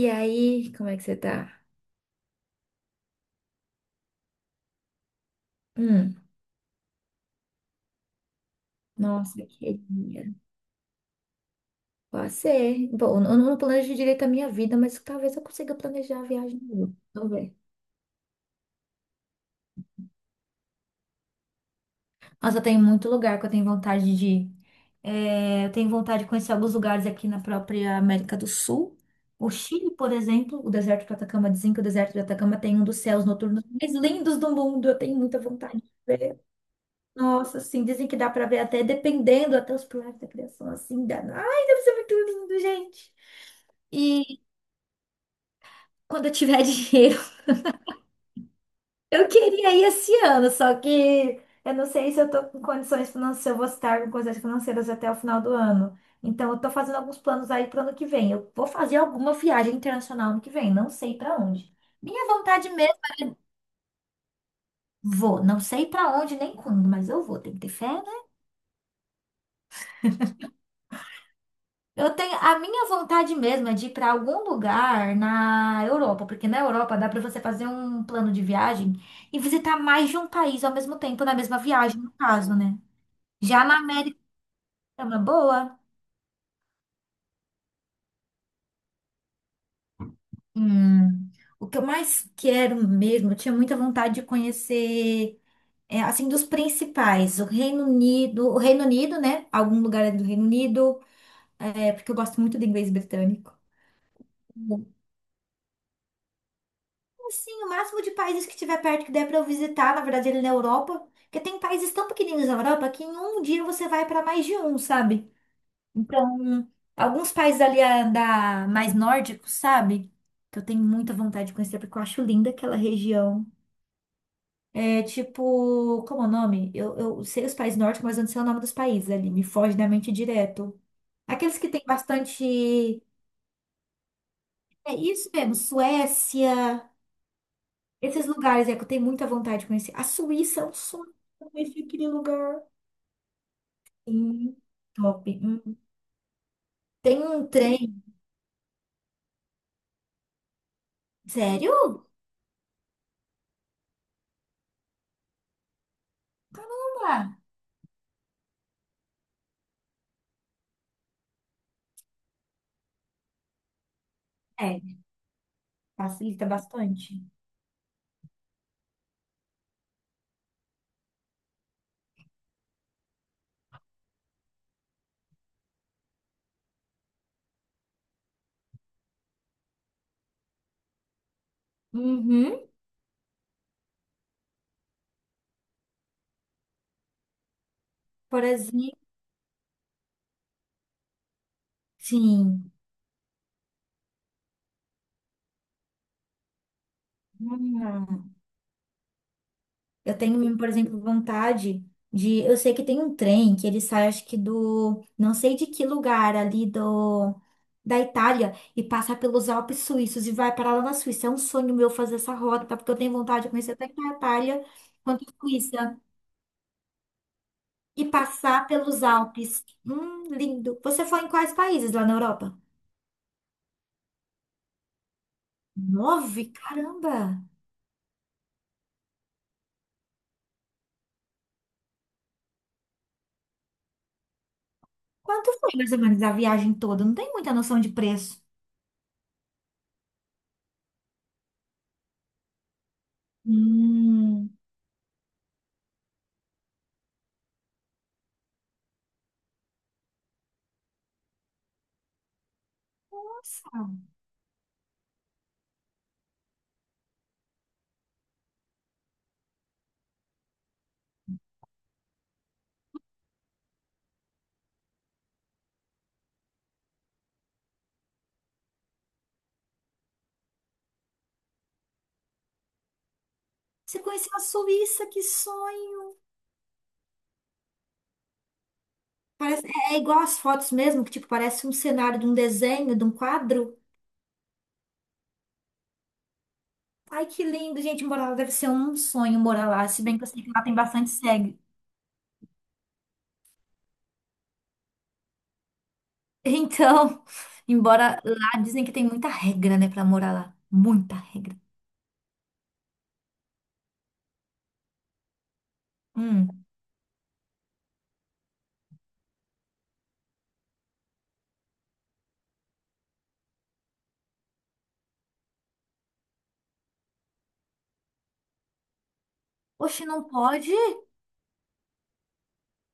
E aí, como é que você tá? Hum, nossa, querida. Pode ser. Bom, eu não planejo direito a minha vida, mas talvez eu consiga planejar a viagem dele. Vamos ver. Nossa, tem muito lugar que eu tenho vontade de ir. É, eu tenho vontade de conhecer alguns lugares aqui na própria América do Sul. O Chile, por exemplo, o deserto de Atacama, dizem que o deserto de Atacama tem um dos céus noturnos mais lindos do mundo. Eu tenho muita vontade de ver. Nossa, assim, dizem que dá pra ver até dependendo, até os pilares da criação, assim, dá. Ai, deve ser muito lindo, gente. E quando eu tiver dinheiro, eu queria ir esse ano, só que eu não sei se eu tô com condições financeiras, se eu vou estar com condições financeiras até o final do ano. Então, eu tô fazendo alguns planos aí para ano que vem. Eu vou fazer alguma viagem internacional ano que vem, não sei para onde. Minha vontade mesmo, vou. Não sei para onde nem quando, mas eu vou. Tem que ter fé. Eu tenho a minha vontade mesmo é de ir para algum lugar na Europa, porque na Europa dá para você fazer um plano de viagem e visitar mais de um país ao mesmo tempo, na mesma viagem, no caso, né? Já na América é uma boa. Hum, o que eu mais quero mesmo, eu tinha muita vontade de conhecer, é, assim, dos principais, o Reino Unido, né? Algum lugar ali do Reino Unido, é, porque eu gosto muito do inglês britânico. Assim, o máximo de países que tiver perto que der pra eu visitar, na verdade, ele na Europa. Porque tem países tão pequeninos na Europa que em um dia você vai pra mais de um, sabe? Então, alguns países ali ah, da mais nórdicos, sabe? Que eu tenho muita vontade de conhecer, porque eu acho linda aquela região. É tipo, como é o nome? Eu sei os países nórdicos, mas eu não sei o nome dos países ali. Me foge da mente direto. Aqueles que tem bastante. É isso mesmo, Suécia. Esses lugares é que eu tenho muita vontade de conhecer. A Suíça é um sonho conhecer aquele lugar. Sim, top. Hum. Tem um trem. Sério? Caramba! É, facilita bastante. Uhum. Por exemplo, sim. Hum. Eu tenho, por exemplo, vontade de. Eu sei que tem um trem que ele sai, acho que do. Não sei de que lugar ali do. Da Itália e passa pelos Alpes suíços e vai parar lá na Suíça. É um sonho meu fazer essa rota, porque eu tenho vontade de conhecer tanto a Itália quanto a Suíça e passar pelos Alpes. Lindo. Você foi em quais países lá na Europa? Nove? Caramba! Quanto foi mais ou menos a viagem toda? Não tem muita noção de preço. Hum, nossa. Você conheceu a Suíça, que sonho! Parece, é igual as fotos mesmo, que tipo, parece um cenário de um desenho, de um quadro. Ai, que lindo, gente, morar lá deve ser um sonho morar lá, se bem que eu sei que lá tem bastante cego. Então, embora lá dizem que tem muita regra, né, pra morar lá. Muita regra. Hum. Oxe, não pode?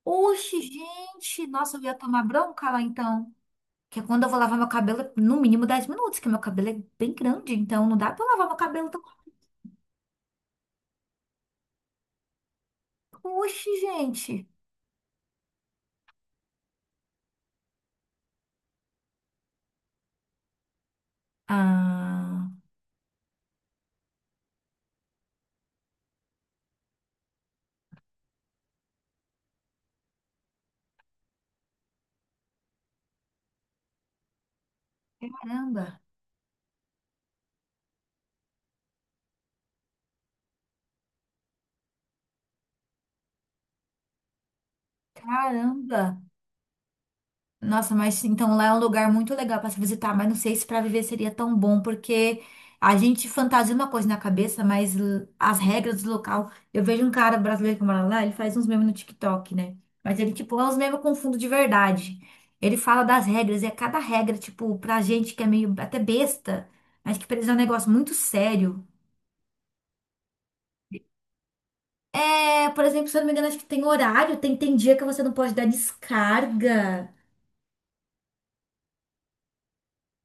Oxe, gente, nossa, eu ia tomar bronca lá então. Que é quando eu vou lavar meu cabelo, é no mínimo 10 minutos, que meu cabelo é bem grande, então não dá pra eu lavar meu cabelo tão. Oxe, gente. Ah, caramba, caramba. Nossa, mas então lá é um lugar muito legal para se visitar, mas não sei se para viver seria tão bom, porque a gente fantasia uma coisa na cabeça, mas l- as regras do local. Eu vejo um cara brasileiro que mora lá, ele faz uns memes no TikTok, né? Mas ele, tipo, é uns memes com fundo de verdade. Ele fala das regras, e é cada regra, tipo, pra gente que é meio até besta, mas que pra eles é um negócio muito sério. É, por exemplo, se eu não me engano, acho que tem horário, tem dia que você não pode dar descarga.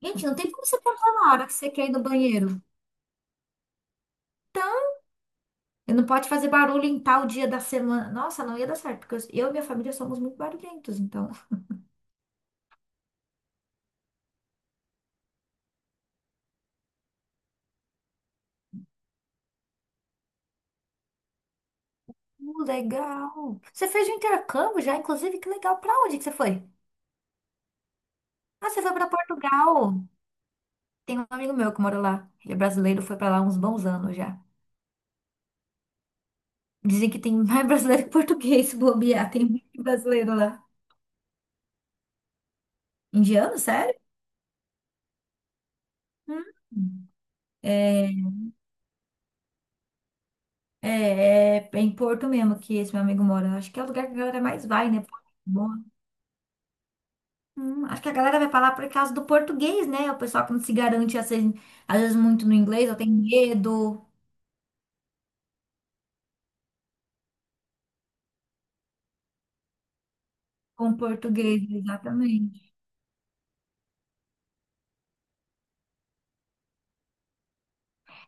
Gente, não tem como você contar na hora que você quer ir no banheiro. E não pode fazer barulho em tal dia da semana. Nossa, não ia dar certo, porque eu e minha família somos muito barulhentos, então. Legal. Você fez um intercâmbio já, inclusive, que legal. Pra onde que você foi? Ah, você foi pra Portugal. Tem um amigo meu que mora lá. Ele é brasileiro, foi pra lá há uns bons anos já. Dizem que tem mais brasileiro que português, se bobear. Tem muito brasileiro lá. Indiano, sério? Hum. É, é, é em Porto mesmo que esse meu amigo mora. Acho que é o lugar que a galera mais vai, né? Porto, bom. Acho que a galera vai falar por causa do português, né? O pessoal que não se garante, assim, às vezes, muito no inglês, ou tem medo com o português, exatamente.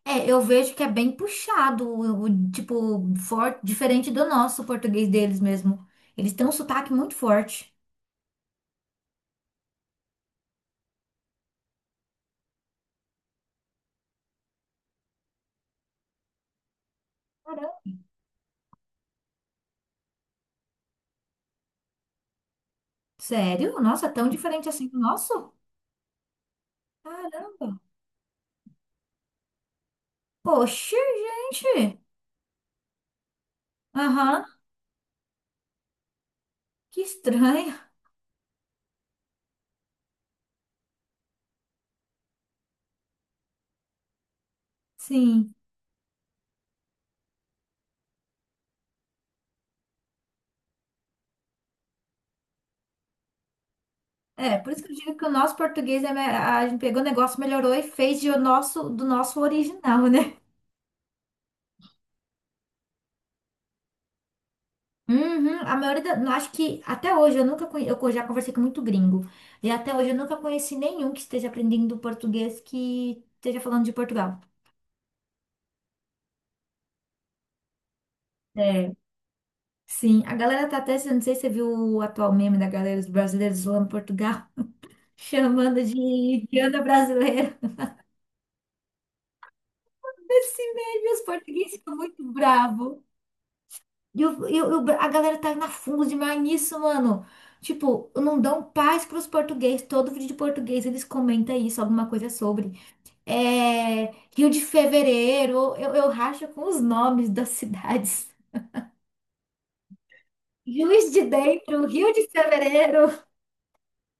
É, eu vejo que é bem puxado, o tipo, forte, diferente do nosso português deles mesmo. Eles têm um sotaque muito forte. Caramba. Sério? Nossa, é tão diferente assim do nosso? Caramba. Poxa, gente. Aham, que estranho. Sim. É, por isso que eu digo que o nosso português, é, me- a gente pegou o negócio, melhorou e fez de o nosso, do nosso original, né? Uhum, a maioria da, não, acho que até hoje eu nunca conhe, eu já conversei com muito gringo. E até hoje eu nunca conheci nenhum que esteja aprendendo português que esteja falando de Portugal. É, sim. A galera tá até, não sei se você viu o atual meme da galera dos brasileiros zoando Portugal, chamando de Indiana brasileira. Esse meme, os portugueses ficam muito bravos. E a galera tá na fundo demais nisso, mano. Tipo, não dão paz pros portugueses. Todo vídeo de português eles comentam isso, alguma coisa sobre. É, Rio de Fevereiro, eu racho com os nomes das cidades. Juiz de Dentro, Rio de Fevereiro,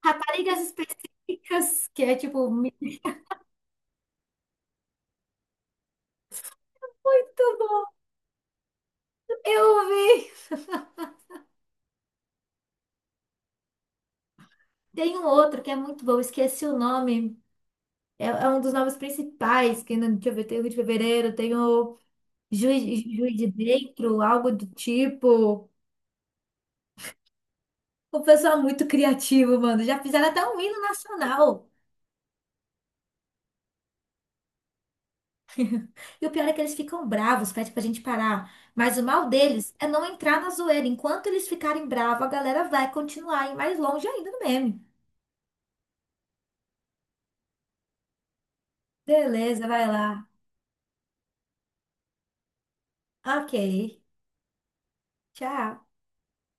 Raparigas Específicas, que é tipo, muito bom. Eu vi. Tem um outro que é muito bom, esqueci o nome. É, é um dos nomes principais, que não- deixa eu ver, tem o Rio de Fevereiro, tem o. Juiz de dentro, algo do tipo. O pessoal é muito criativo, mano. Já fizeram até um hino nacional. E o pior é que eles ficam bravos, pede pra gente parar. Mas o mal deles é não entrar na zoeira. Enquanto eles ficarem bravos, a galera vai continuar a ir mais longe ainda no meme. Beleza, vai lá. Ok. Tchau.